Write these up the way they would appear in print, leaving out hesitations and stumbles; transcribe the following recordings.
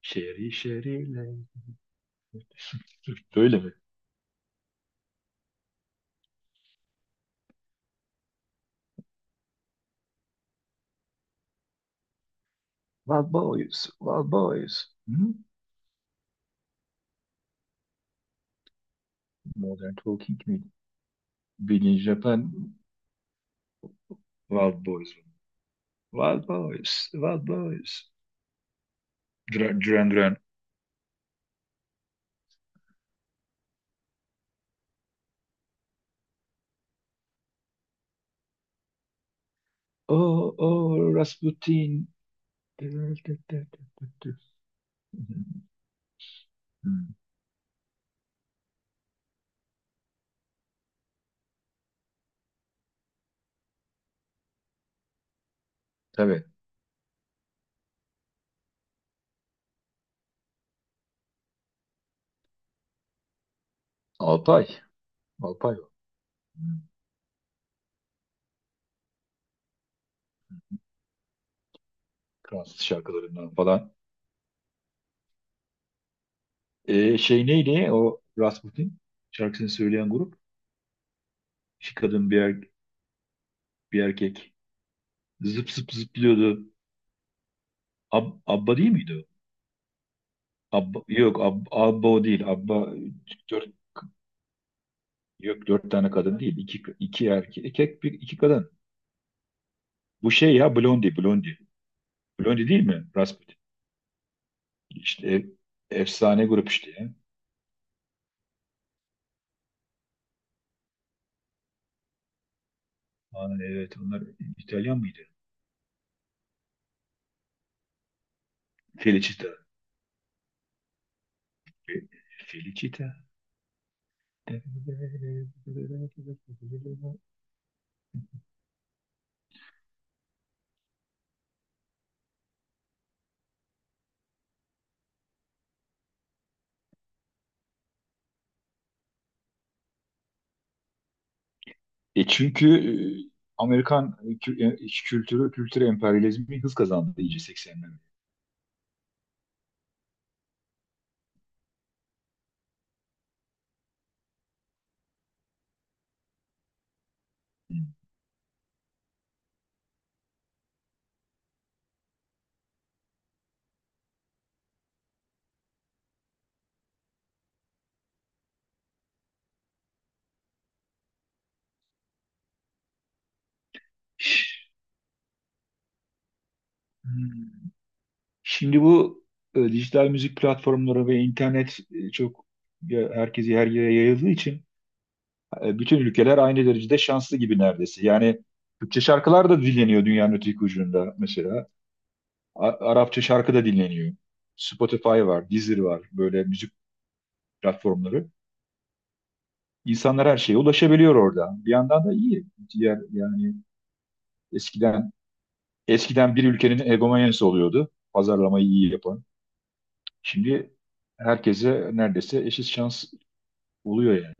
Şeri şeriyle. Böyle mi? Wild Boys, Wild Boys. Hı? Modern Talking mi? Bilin Japan. Wild Boys. Wild Boys, Wild Boys. Duran Duran. Duran. Oh, oh, Rasputin. Hı, tabii. Alpay. Alpay o. Hı. Fransız şarkılarından falan. Şey neydi o Rasputin? Şarkısını söyleyen grup. İki kadın, bir erkek. Zıp zıp zıplıyordu. Abba değil miydi o? Abba, yok Abba o değil. Abba dört, yok dört tane kadın değil. İki, iki erkek, iki, bir, iki kadın. Bu şey ya Blondie, Blondie. Blondie değil mi? Rasputin. İşte efsane grup işte ya. Aa, evet onlar İtalyan mıydı? Felicita. Fe- Felicita. Çünkü e, Amerikan kültürü, kültür emperyalizmi hız kazandı iyice 80'lerde. Hmm. Şimdi bu dijital müzik platformları ve internet çok herkesi her yere yayıldığı için bütün ülkeler aynı derecede şanslı gibi neredeyse. Yani Türkçe şarkılar da dinleniyor dünyanın öteki ucunda mesela. Arapça şarkı da dinleniyor. Spotify var, Deezer var, böyle müzik platformları. İnsanlar her şeye ulaşabiliyor orada. Bir yandan da iyi. Diğer yani eskiden, bir ülkenin egomanyası oluyordu. Pazarlamayı iyi yapan. Şimdi herkese neredeyse eşit şans oluyor yani.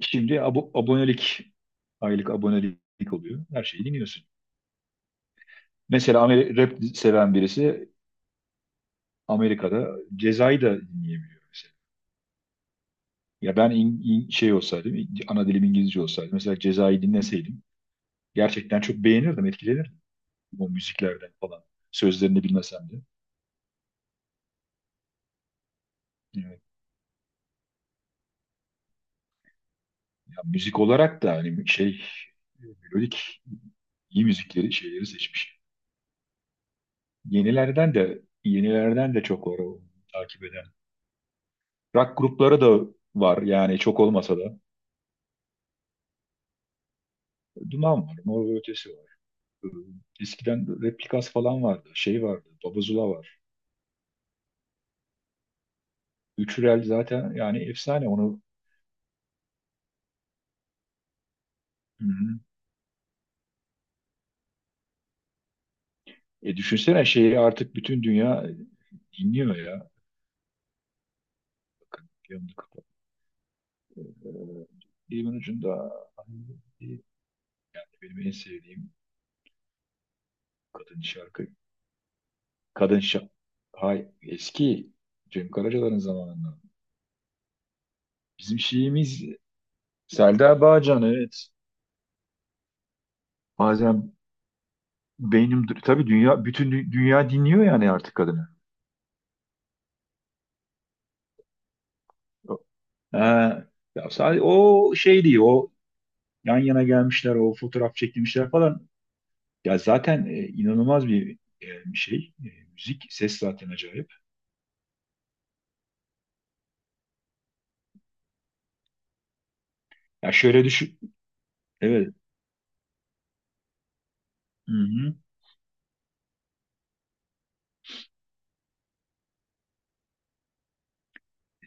Şimdi abonelik, aylık abonelik oluyor. Her şeyi dinliyorsun. Mesela rap seven birisi Amerika'da Ceza'yı da dinleyemiyor mesela. Ya ben şey olsaydım, ana dilim İngilizce olsaydı, mesela Ceza'yı dinleseydim gerçekten çok beğenirdim, etkilenirdim o müziklerden falan. Sözlerini bilmesem de. Evet. Ya müzik olarak da hani şey, melodik iyi müzikleri, şeyleri seçmiş. Yenilerden de çok var o takip eden. Rock grupları da var yani, çok olmasa da. Duman var, Mor ve Ötesi var. Ee, Eskiden Replikas falan vardı. Şey vardı, Babazula var. Üçürel zaten yani, efsane onu. Hı hı. Düşünsene, şeyi artık bütün dünya dinliyor ya. Bakın yanımda kapat. Ee, Dilimin ucunda benim en sevdiğim kadın şarkı. Kadın şarkı. Hay eski Cem Karaca'ların zamanında. Bizim şeyimiz Selda Bağcan, evet. Bazen beynim tabii, dünya, bütün dünya dinliyor yani artık kadını. Ha, ya sadece o şey değil, o yan yana gelmişler, o fotoğraf çekilmişler falan. Ya zaten inanılmaz bir şey, müzik, ses zaten acayip. Ya şöyle düşün, evet, hı-hı.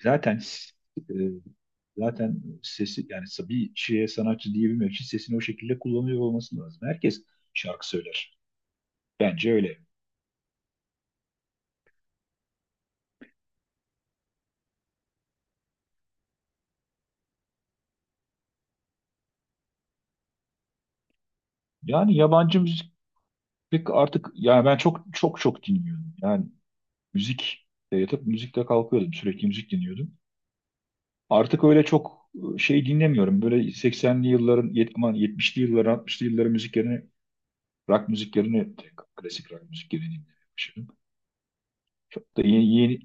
Zaten s- e, zaten sesi yani, bir şeye sanatçı diyebilmek için sesini o şekilde kullanıyor olması lazım. Herkes şarkı söyler. Bence öyle. Yani yabancı müzik pek artık, yani ben çok çok çok dinliyorum. Yani müzik de yatıp müzikle kalkıyordum. Sürekli müzik dinliyordum. Artık öyle çok şey dinlemiyorum. Böyle 80'li yılların, aman 70'li yılların, 60'lı yılların müziklerini, rock müziklerini, klasik rock müzik yerine dinlemeye başladım. Çok da yeni, yeni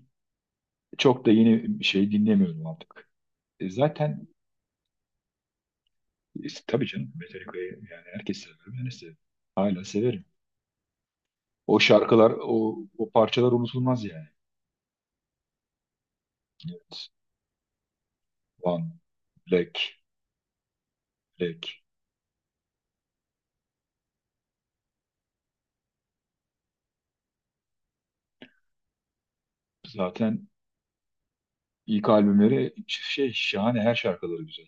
çok da yeni bir şey dinlemiyorum artık. E, zaten tabii canım, Metallica'yı yani herkes sever. Ben de severim. Hala severim. O şarkılar, o parçalar unutulmaz yani. Evet. One, Black, Black. Zaten İlk albümleri şahane, her şarkıları güzel.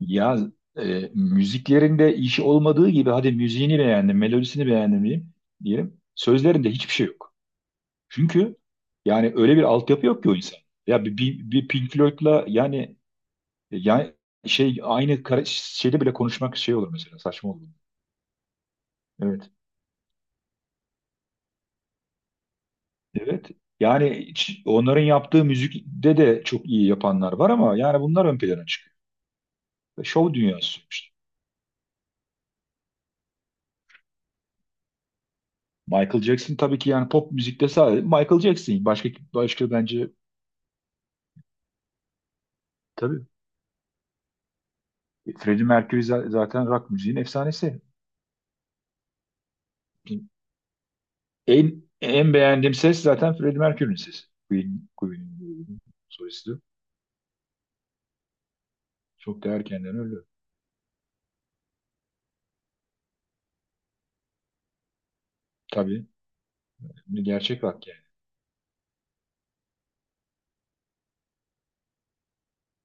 Ya müziklerinde işi olmadığı gibi, hadi müziğini beğendim, melodisini beğendim diyeyim, diyelim. Sözlerinde hiçbir şey yok. Çünkü yani öyle bir altyapı yok ki o insan. Ya bir Pink Floyd'la yani, yani şey aynı şeyde bile konuşmak şey olur, mesela saçma olur. Evet. Evet. Yani onların yaptığı müzikte de çok iyi yapanlar var ama yani bunlar ön plana çıkıyor. Şov dünyası. Michael Jackson tabii ki, yani pop müzikte sadece Michael Jackson. Başka bence tabii Freddie Mercury zaten rock müziğin efsanesi. En beğendiğim ses zaten Freddie Mercury'nin sesi. Queen'in solisti. Çok değer erkenden öldü. Tabii bir gerçek rock yani.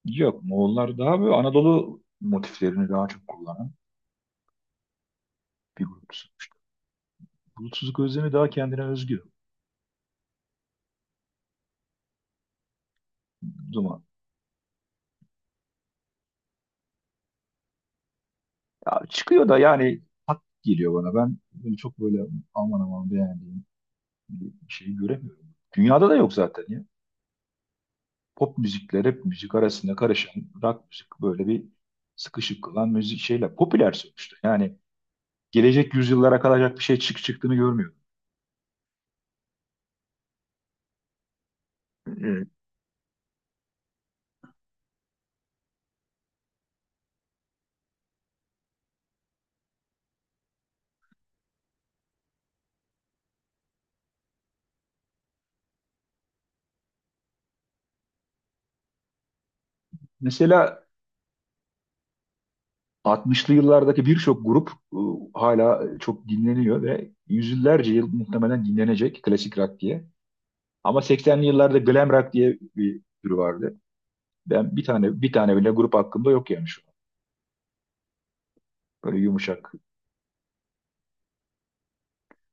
Yok, Moğollar daha böyle Anadolu motiflerini daha çok kullanan bir grup. Bulutsuzluk özlemi daha kendine özgü. Zaman. Ya çıkıyor da yani, hak geliyor bana. Ben böyle çok böyle aman aman beğendiğim şeyi göremiyorum. Dünyada da yok zaten ya. Pop müzikle rap müzik arasında karışan rock müzik, böyle bir sıkışık kılan müzik şeyler popüler sonuçta. Yani gelecek yüzyıllara kalacak bir şey çıktığını görmüyorum. Evet. Mesela 60'lı yıllardaki birçok grup hala çok dinleniyor ve yüzyıllarca yıl muhtemelen dinlenecek klasik rock diye. Ama 80'li yıllarda glam rock diye bir tür vardı. Ben bir tane bile grup hakkında yok yani şu an. Böyle yumuşak.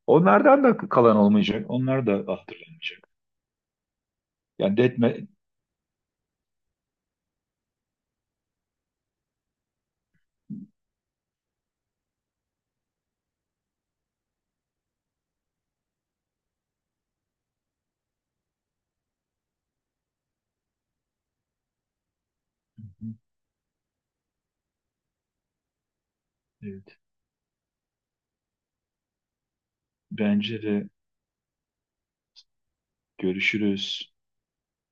Onlardan da kalan olmayacak. Onlar da hatırlanmayacak. Yani detme... Evet. Bence de görüşürüz.